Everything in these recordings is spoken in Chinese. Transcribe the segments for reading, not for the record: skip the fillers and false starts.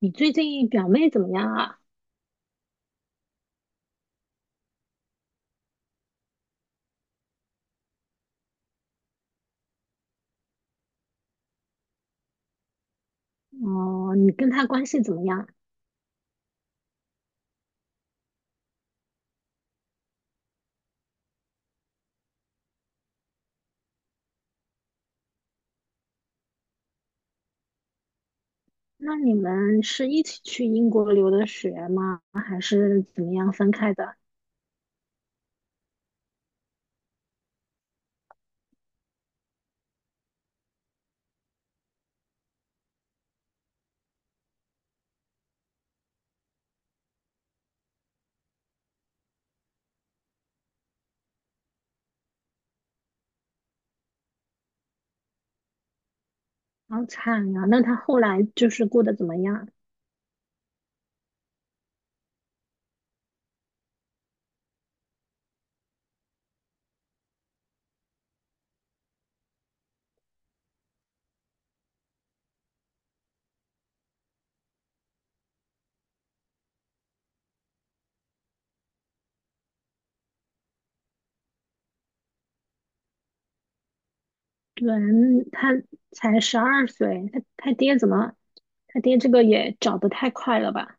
你最近表妹怎么样啊？哦，你跟她关系怎么样？那你们是一起去英国留的学吗？还是怎么样分开的？好惨呀！那她后来就是过得怎么样？对，她才12岁，她爹怎么？她爹这个也找得太快了吧？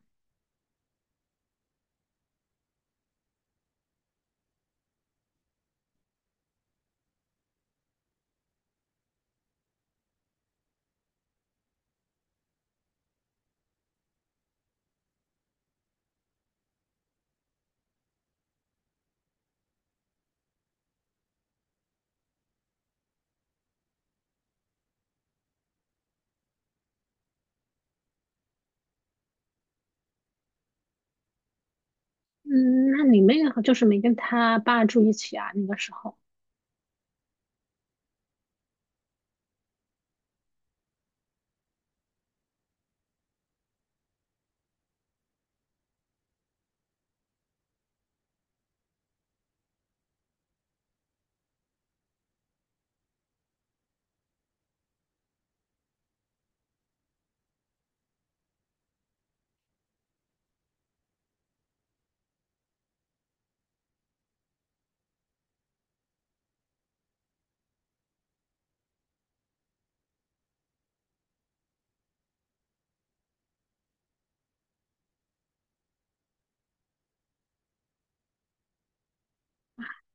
嗯，那你妹好就是没跟她爸住一起啊？那个时候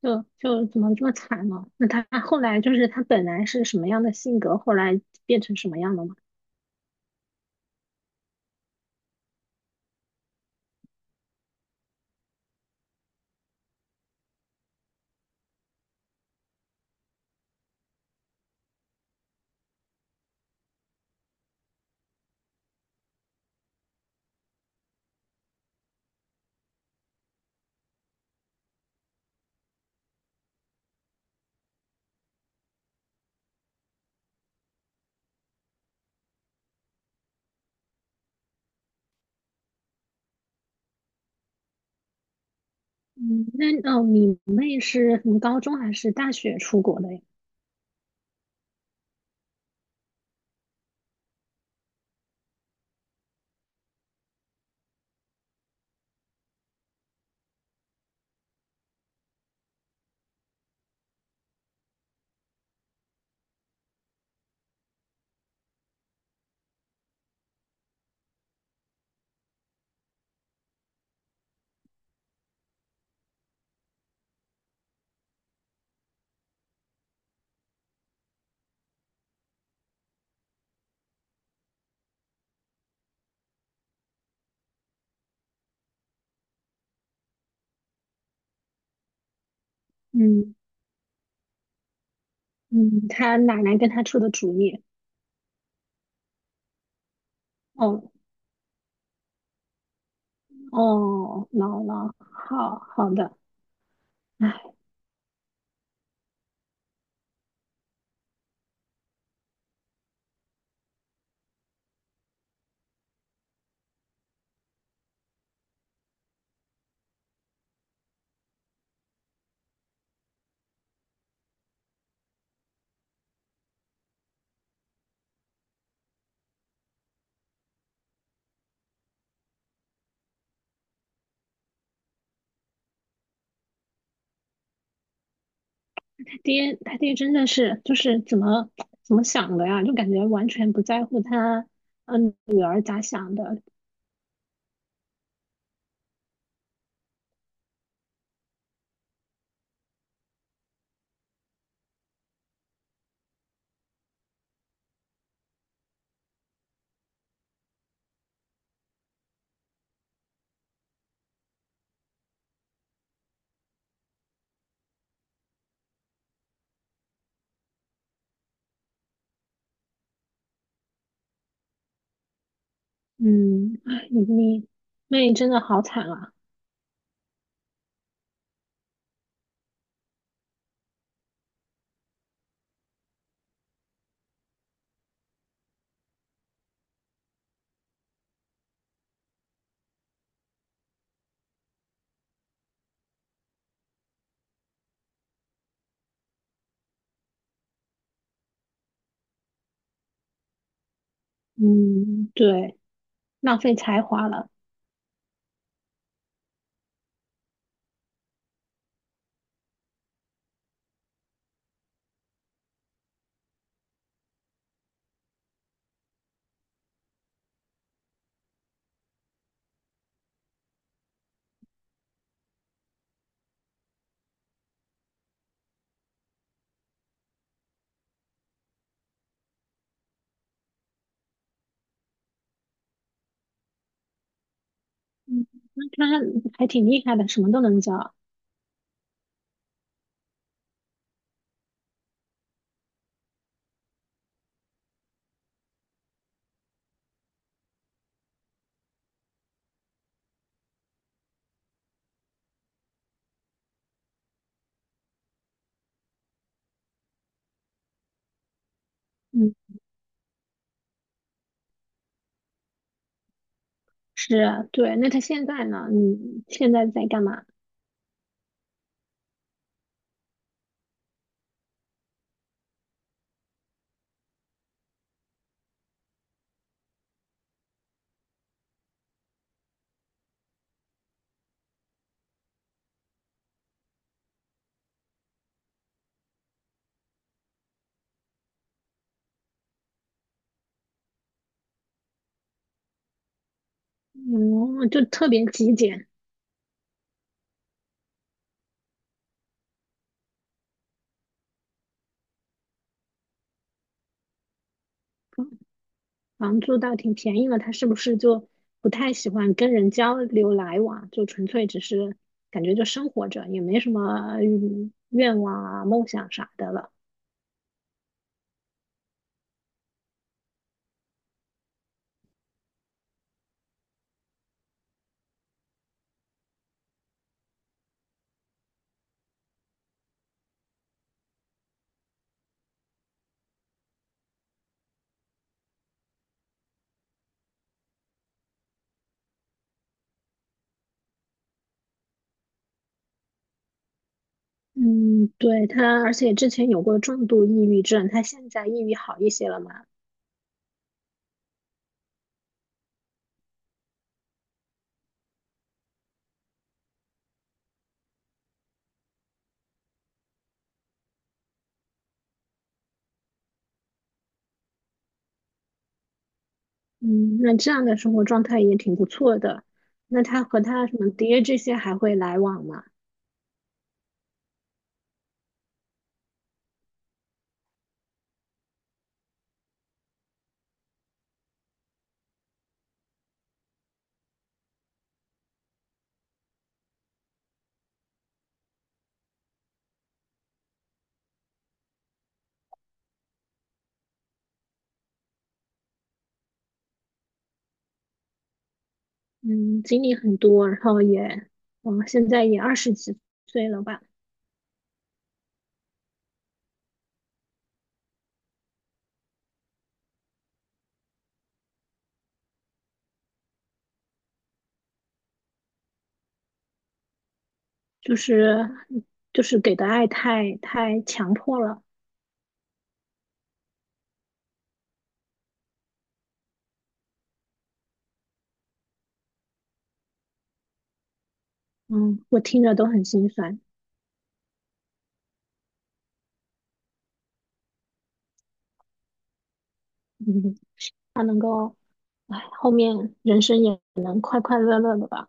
就怎么这么惨呢？那她后来就是她本来是什么样的性格，后来变成什么样了吗？嗯，那哦，你妹是从高中还是大学出国的呀？嗯嗯，她奶奶跟她出的主意。哦哦，姥姥，好好的。唉，爹，他爹真的是就是怎么想的呀？就感觉完全不在乎他女儿咋想的。嗯，唉你妹真的好惨啊。嗯，对，浪费才华了。嗯，那他还挺厉害的，什么都能教。嗯。是啊，对。那他现在呢？你现在在干嘛？嗯，就特别极简，嗯房租倒挺便宜了。他是不是就不太喜欢跟人交流来往？就纯粹只是感觉就生活着，也没什么愿望啊、梦想啥的了。嗯，对，他，而且之前有过重度抑郁症，他现在抑郁好一些了嘛？嗯，那这样的生活状态也挺不错的。那他和他什么爹这些还会来往吗？嗯，经历很多，然后也，嗯，现在也20几岁了吧，就是就是给的爱太强迫了，嗯，我听着都很心酸，嗯，他能够，哎，后面人生也能快快乐乐的吧，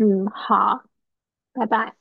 嗯，好，拜拜。